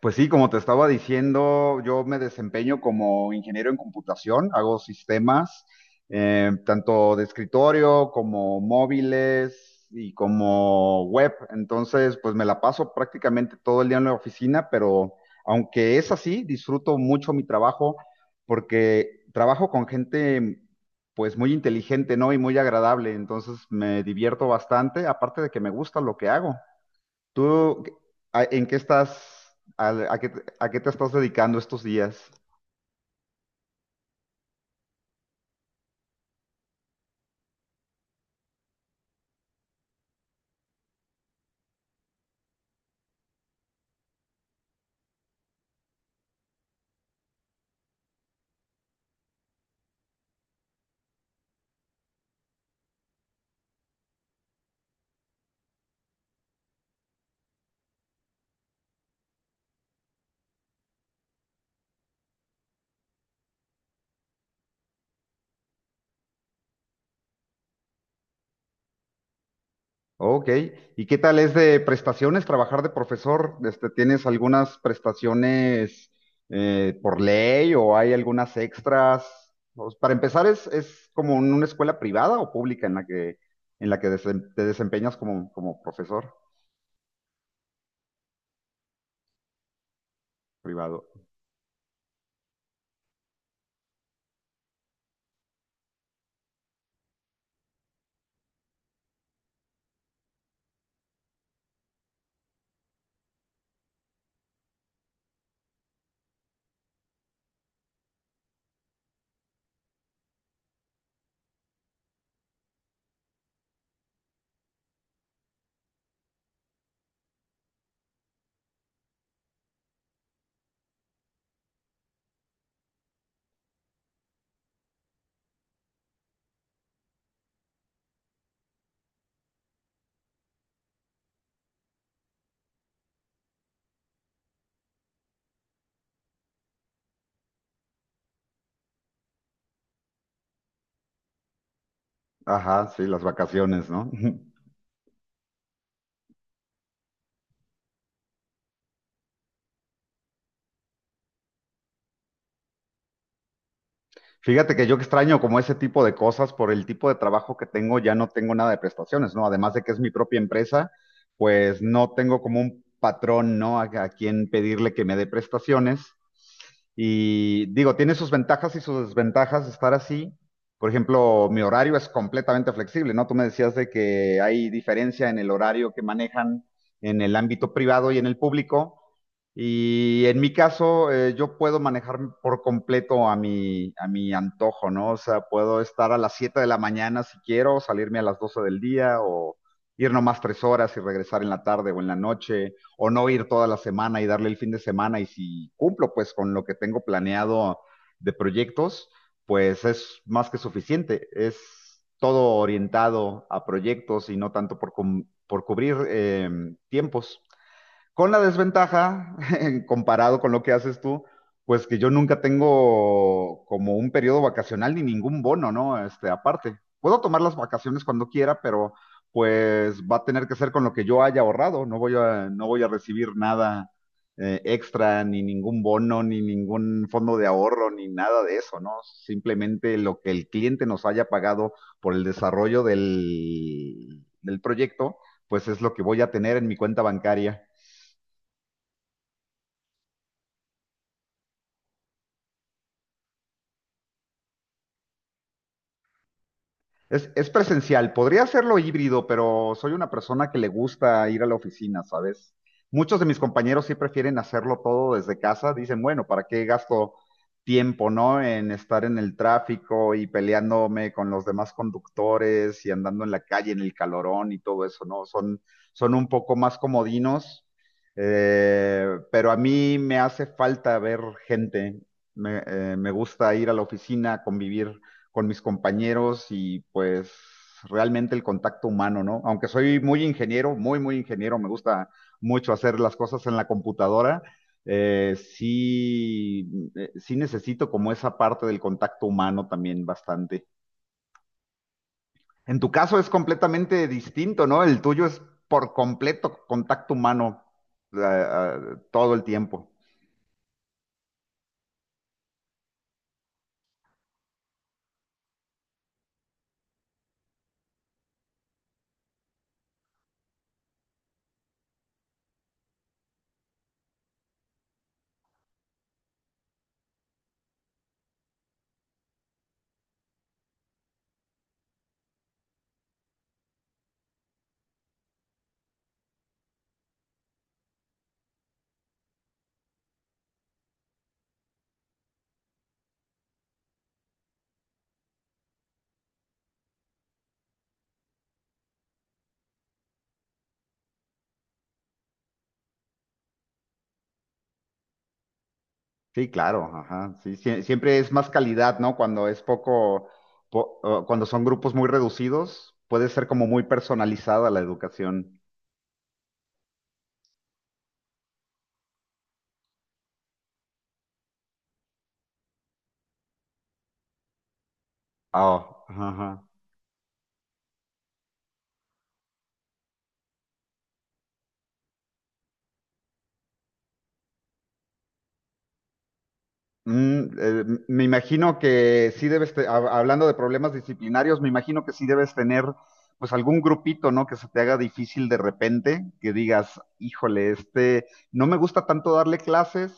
Pues sí, como te estaba diciendo, yo me desempeño como ingeniero en computación, hago sistemas, tanto de escritorio como móviles y como web. Entonces, pues me la paso prácticamente todo el día en la oficina, pero aunque es así, disfruto mucho mi trabajo porque trabajo con gente pues muy inteligente, ¿no? Y muy agradable. Entonces me divierto bastante, aparte de que me gusta lo que hago. ¿Tú en qué estás, al- a qué te estás dedicando estos días? Ok, ¿y qué tal es de prestaciones trabajar de profesor? Este, ¿tienes algunas prestaciones por ley o hay algunas extras? Pues, para empezar, es como en una escuela privada o pública en la que te desempeñas como, como profesor privado? Ajá, sí, las vacaciones, ¿no? Fíjate que yo extraño como ese tipo de cosas por el tipo de trabajo que tengo, ya no tengo nada de prestaciones, ¿no? Además de que es mi propia empresa, pues no tengo como un patrón, ¿no? A quien pedirle que me dé prestaciones. Y digo, tiene sus ventajas y sus desventajas estar así. Por ejemplo, mi horario es completamente flexible, ¿no? Tú me decías de que hay diferencia en el horario que manejan en el ámbito privado y en el público. Y en mi caso, yo puedo manejar por completo a mi antojo, ¿no? O sea, puedo estar a las 7 de la mañana si quiero, salirme a las 12 del día o ir nomás tres horas y regresar en la tarde o en la noche, o no ir toda la semana y darle el fin de semana. Y si cumplo pues con lo que tengo planeado de proyectos, pues es más que suficiente. Es todo orientado a proyectos y no tanto por, por cubrir tiempos. Con la desventaja, comparado con lo que haces tú, pues que yo nunca tengo como un periodo vacacional ni ningún bono, ¿no? Este, aparte. Puedo tomar las vacaciones cuando quiera, pero pues va a tener que ser con lo que yo haya ahorrado. No voy a recibir nada extra, ni ningún bono, ni ningún fondo de ahorro, ni nada de eso, ¿no? Simplemente lo que el cliente nos haya pagado por el desarrollo del proyecto, pues es lo que voy a tener en mi cuenta bancaria. Es presencial, podría hacerlo híbrido, pero soy una persona que le gusta ir a la oficina, ¿sabes? Muchos de mis compañeros sí prefieren hacerlo todo desde casa, dicen, bueno, ¿para qué gasto tiempo, no? En estar en el tráfico y peleándome con los demás conductores y andando en la calle en el calorón y todo eso, ¿no? Son, son un poco más comodinos, pero a mí me hace falta ver gente, me gusta ir a la oficina, convivir con mis compañeros y pues realmente el contacto humano, ¿no? Aunque soy muy ingeniero, muy, muy ingeniero, me gusta mucho hacer las cosas en la computadora, sí, sí necesito como esa parte del contacto humano también bastante. En tu caso es completamente distinto, ¿no? El tuyo es por completo contacto humano todo el tiempo. Sí, claro, ajá. Sí, siempre es más calidad, ¿no? Cuando es poco, o cuando son grupos muy reducidos, puede ser como muy personalizada la educación. Ah, ajá. Mm, me imagino que sí debes, hablando de problemas disciplinarios, me imagino que sí debes tener pues algún grupito, ¿no? Que se te haga difícil de repente, que digas, híjole, este, no me gusta tanto darle clases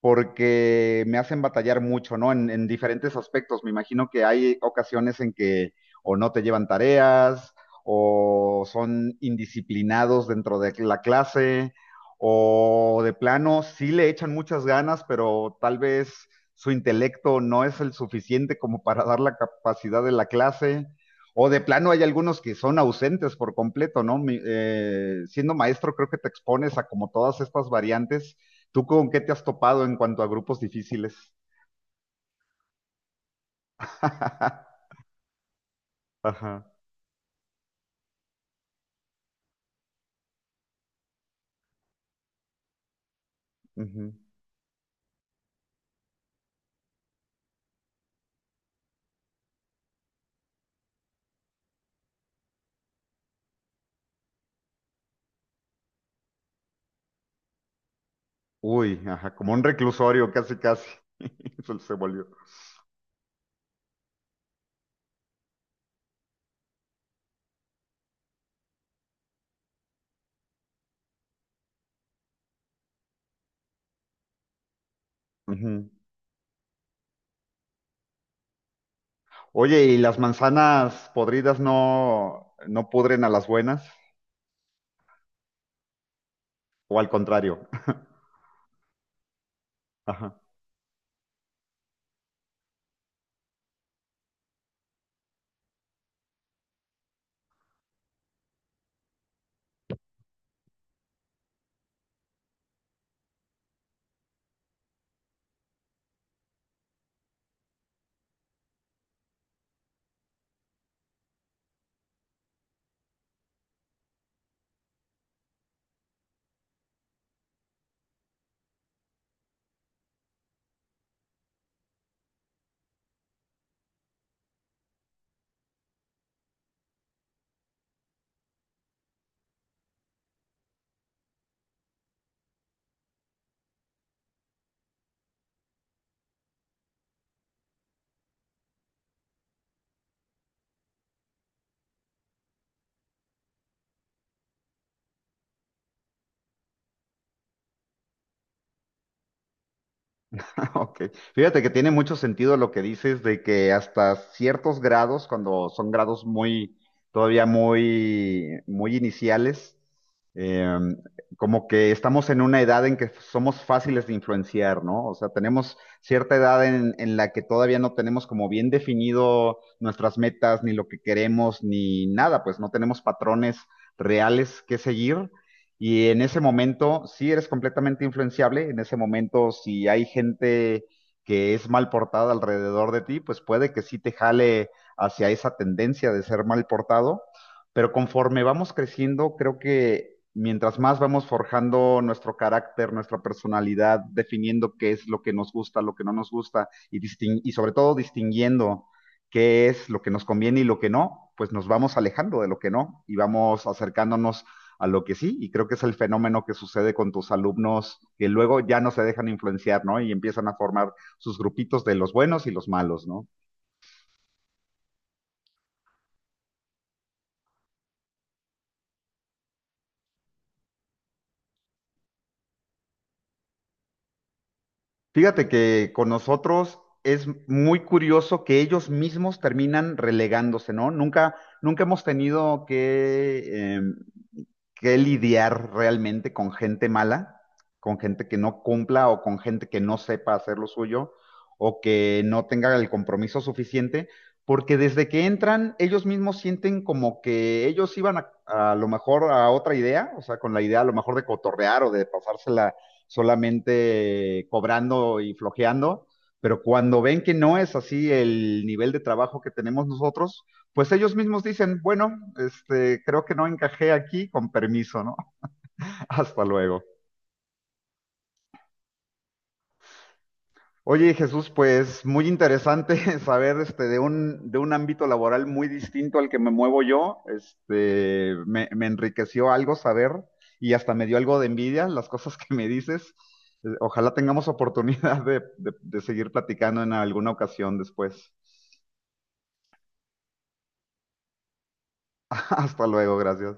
porque me hacen batallar mucho, ¿no? En diferentes aspectos. Me imagino que hay ocasiones en que o no te llevan tareas o son indisciplinados dentro de la clase o de plano sí le echan muchas ganas, pero tal vez su intelecto no es el suficiente como para dar la capacidad de la clase, o de plano hay algunos que son ausentes por completo, ¿no? Siendo maestro creo que te expones a como todas estas variantes. ¿Tú con qué te has topado en cuanto a grupos difíciles? Ajá. Ujú. Uy, ajá, como un reclusorio, casi, casi. Se volvió. Ujú. Oye, ¿y las manzanas podridas no, no pudren a las buenas? ¿O al contrario? Ok. Fíjate que tiene mucho sentido lo que dices de que hasta ciertos grados, cuando son grados muy, todavía muy, muy iniciales, eh, como que estamos en una edad en que somos fáciles de influenciar, ¿no? O sea, tenemos cierta edad en la que todavía no tenemos como bien definido nuestras metas, ni lo que queremos, ni nada, pues no tenemos patrones reales que seguir. Y en ese momento sí eres completamente influenciable, en ese momento si hay gente que es mal portada alrededor de ti, pues puede que sí te jale hacia esa tendencia de ser mal portado, pero conforme vamos creciendo, creo que mientras más vamos forjando nuestro carácter, nuestra personalidad, definiendo qué es lo que nos gusta, lo que no nos gusta y, y sobre todo distinguiendo qué es lo que nos conviene y lo que no, pues nos vamos alejando de lo que no y vamos acercándonos a lo que sí, y creo que es el fenómeno que sucede con tus alumnos que luego ya no se dejan influenciar, ¿no? Y empiezan a formar sus grupitos de los buenos y los malos, ¿no? Fíjate que con nosotros es muy curioso que ellos mismos terminan relegándose, ¿no? Nunca, nunca hemos tenido que, que lidiar realmente con gente mala, con gente que no cumpla o con gente que no sepa hacer lo suyo o que no tenga el compromiso suficiente, porque desde que entran ellos mismos sienten como que ellos iban a lo mejor a otra idea, o sea, con la idea a lo mejor de cotorrear o de pasársela solamente cobrando y flojeando, pero cuando ven que no es así el nivel de trabajo que tenemos nosotros, pues ellos mismos dicen, bueno, este, creo que no encajé aquí, con permiso, ¿no? Hasta luego. Oye, Jesús, pues muy interesante saber este, de un ámbito laboral muy distinto al que me muevo yo. Este, me enriqueció algo saber y hasta me dio algo de envidia las cosas que me dices. Ojalá tengamos oportunidad de, de seguir platicando en alguna ocasión después. Hasta luego, gracias.